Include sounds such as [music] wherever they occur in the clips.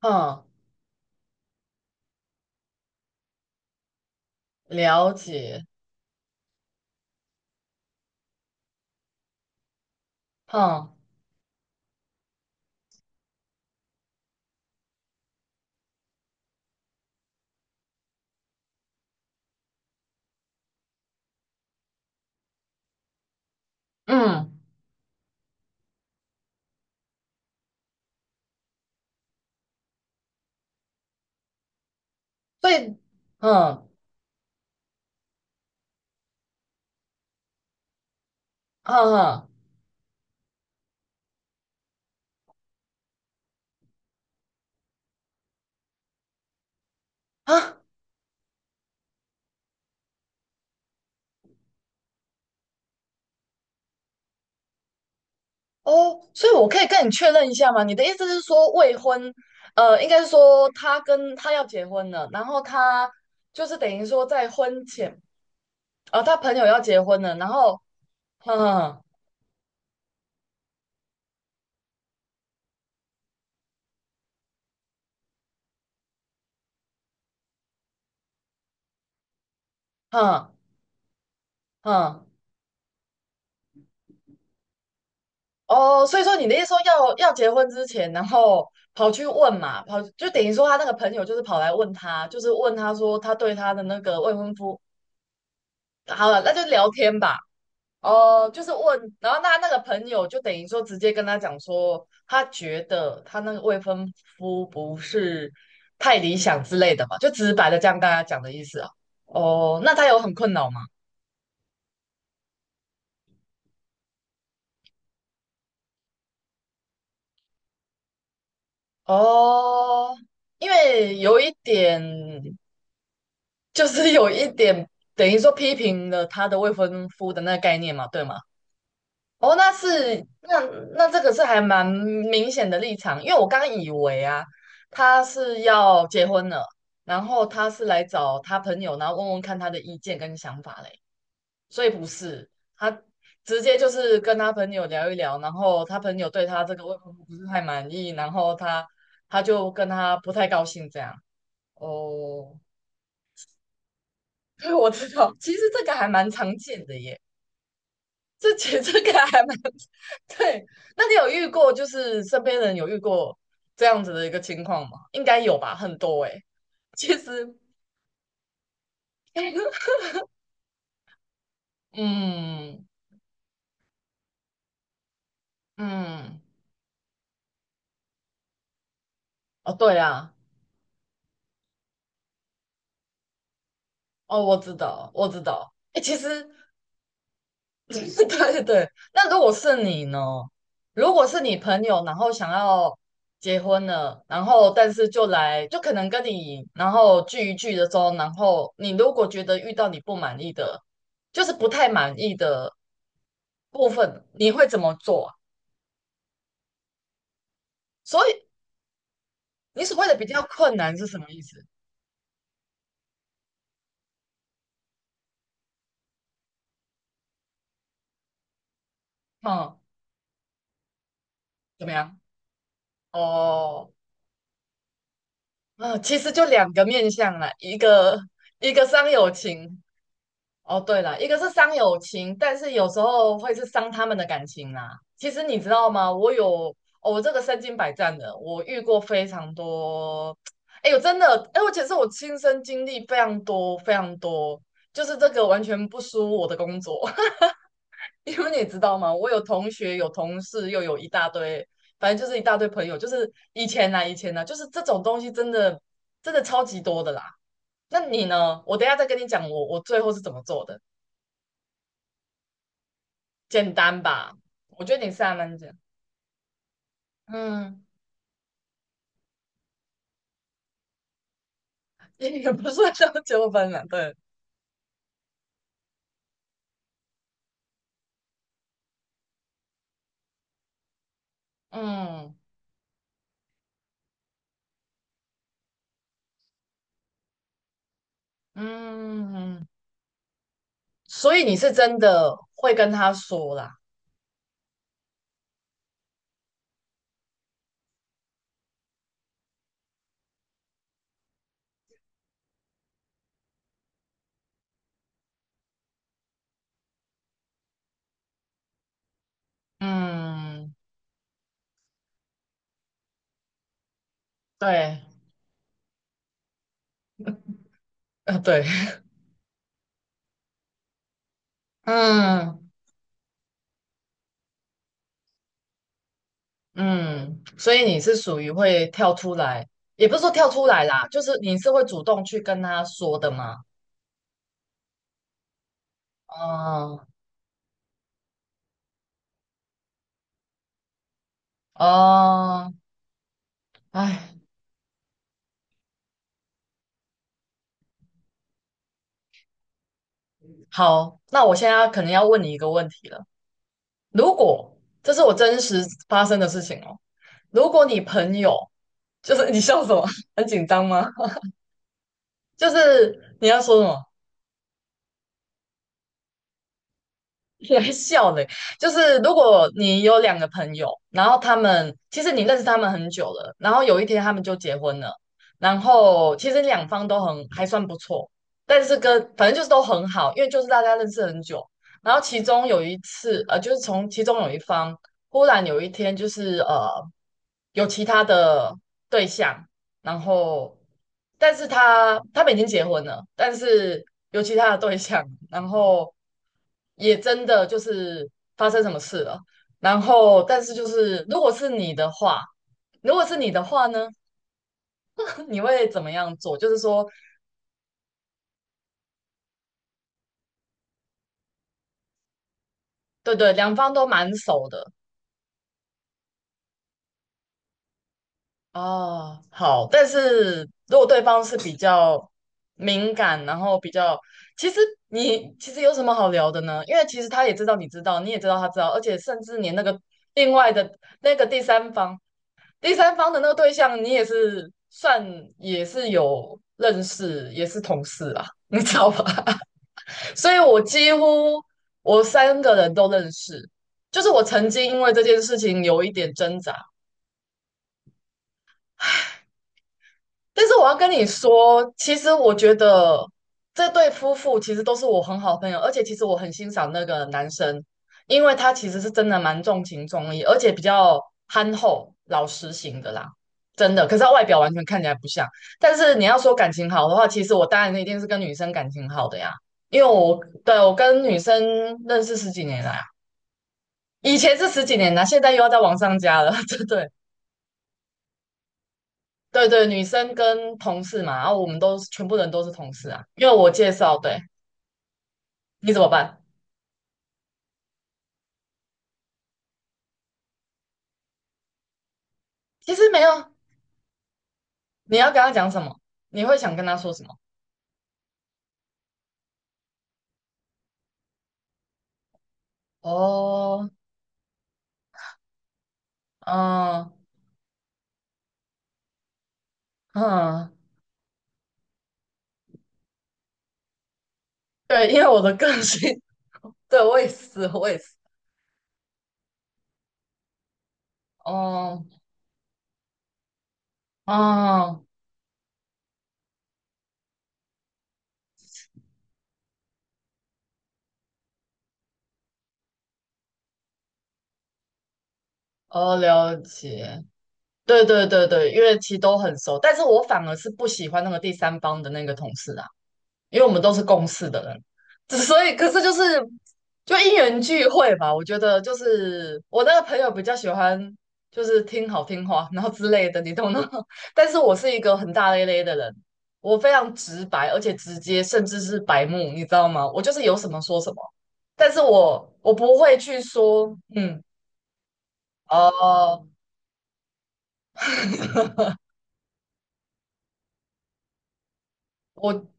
嗯，了解，嗯嗯，所以，嗯嗯嗯啊哦，所以我可以跟你确认一下吗？你的意思是说未婚，应该是说他跟他要结婚了，然后他就是等于说在婚前，他朋友要结婚了，然后，嗯嗯嗯哦，所以说你的意思说要结婚之前，然后跑去问嘛，跑就等于说他那个朋友就是跑来问他，就是问他说他对他的那个未婚夫。好了，那就聊天吧。哦、就是问，然后那个朋友就等于说直接跟他讲说，他觉得他那个未婚夫不是太理想之类的嘛，就直白的这样跟家讲的意思啊。哦，那他有很困扰吗？哦，因为有一点，就是有一点等于说批评了他的未婚夫的那个概念嘛，对吗？哦，那是那那这个是还蛮明显的立场，因为我刚以为啊，他是要结婚了，然后他是来找他朋友，然后问问看他的意见跟想法嘞，所以不是，他直接就是跟他朋友聊一聊，然后他朋友对他这个未婚夫不是太满意，然后他就跟他不太高兴这样。哦，[laughs] 对，我知道，其实这个还蛮常见的耶。这其实这个还蛮 [laughs] 对。那你有遇过，就是身边人有遇过这样子的一个情况吗？应该有吧，很多诶、其实，[laughs] 嗯嗯，哦，对啊，哦，我知道，我知道。诶、其实 [laughs] 对对对，那如果是你呢？如果是你朋友，然后想要结婚了，然后但是就来，就可能跟你然后聚一聚的时候，然后你如果觉得遇到你不满意的，就是不太满意的部分，你会怎么做啊？所以你所谓的比较困难是什么意思？嗯，怎么样？哦，嗯，其实就两个面向啦，一个伤友情，哦，对了，一个是伤友情，但是有时候会是伤他们的感情啦。其实你知道吗？我有，哦我这个身经百战的，我遇过非常多。哎呦，真的，哎，而且是我亲身经历非常多非常多，就是这个完全不输我的工作，[laughs] 因为你知道吗？我有同学，有同事，又有一大堆，反正就是一大堆朋友，就是以前啦，以前啦，就是这种东西真的真的超级多的啦。那你呢？我等一下再跟你讲我最后是怎么做的。简单吧？我觉得你是还蛮简，嗯，也不算到纠纷了，对，嗯嗯，所以你是真的会跟他说啦，嗯，对，对，嗯嗯，所以你是属于会跳出来，也不是说跳出来啦，就是你是会主动去跟他说的嘛，哦哦，哎，好，那我现在可能要问你一个问题了，如果这是我真实发生的事情哦。如果你朋友就是你笑什么？[laughs] 很紧张吗？就是你要说什么？你还笑嘞？就是如果你有两个朋友，然后他们其实你认识他们很久了，然后有一天他们就结婚了，然后其实两方都很还算不错，但是跟反正就是都很好，因为就是大家认识很久。然后其中有一次，就是从其中有一方忽然有一天就是有其他的对象，然后，但是他们已经结婚了，但是有其他的对象，然后也真的就是发生什么事了。然后，但是就是如果是你的话，如果是你的话呢，[laughs] 你会怎么样做？就是说，对对，两方都蛮熟的，哦，好，但是如果对方是比较敏感，然后比较，其实你其实有什么好聊的呢？因为其实他也知道你知道，你也知道他知道，而且甚至连那个另外的那个第三方，第三方的那个对象，你也是算也是有认识，也是同事啦，[laughs] 你知道吧？[laughs] 所以我几乎我三个人都认识，就是我曾经因为这件事情有一点挣扎。但是我要跟你说，其实我觉得这对夫妇其实都是我很好的朋友，而且其实我很欣赏那个男生，因为他其实是真的蛮重情重义，而且比较憨厚老实型的啦，真的。可是他外表完全看起来不像。但是你要说感情好的话，其实我当然一定是跟女生感情好的呀，因为我对我跟女生认识十几年来啊，以前是十几年啦，现在又要再往上加了，[laughs] 这对。对对，女生跟同事嘛，然后我们都是全部人都是同事啊，因为我介绍，对，你怎么办？其实没有，你要跟他讲什么？你会想跟他说什么？哦，嗯嗯，对，因为我的个性，[laughs] 对，我也是，我也是，哦哦哦，了解，对对对对，因为其实都很熟，但是我反而是不喜欢那个第三方的那个同事啊。因为我们都是共事的人，只所以可是就是就因缘聚会吧。我觉得就是我那个朋友比较喜欢就是听好听话，然后之类的，你懂的。[laughs] 但是我是一个很大咧咧的人，我非常直白，而且直接，甚至是白目，你知道吗？我就是有什么说什么，但是我不会去说，嗯，哦、[laughs] 我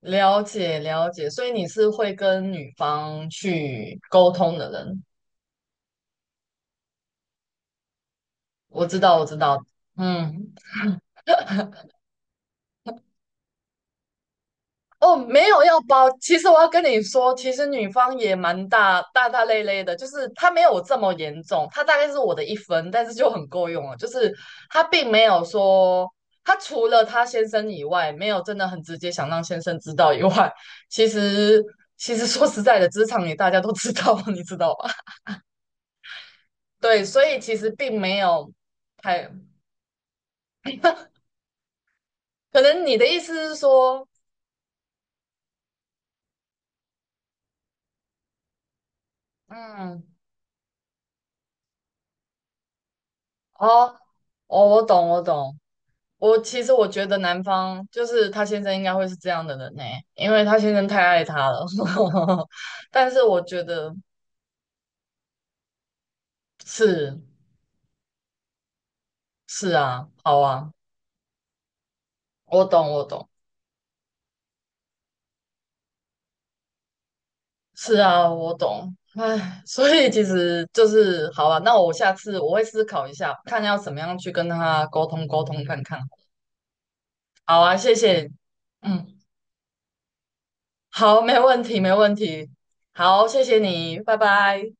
了解了解，所以你是会跟女方去沟通的人。我知道，我知道，嗯，哦，没有要包。其实我要跟你说，其实女方也蛮大大大咧咧的，就是她没有这么严重，她大概是我的一分，但是就很够用了。就是她并没有说，她除了她先生以外，没有真的很直接想让先生知道以外，其实其实说实在的，职场里大家都知道，[laughs] 你知道吧？对，所以其实并没有太，可能你的意思是说，嗯，哦哦，我懂，我懂。我其实我觉得男方就是他先生应该会是这样的人呢、因为他先生太爱他了。[laughs] 但是我觉得是是啊，好啊，我懂我懂，是啊我懂。唉，所以其实就是好啊，那我下次我会思考一下，看要怎么样去跟他沟通沟通看看。好啊，谢谢，嗯，好，没问题没问题，好，谢谢你，拜拜。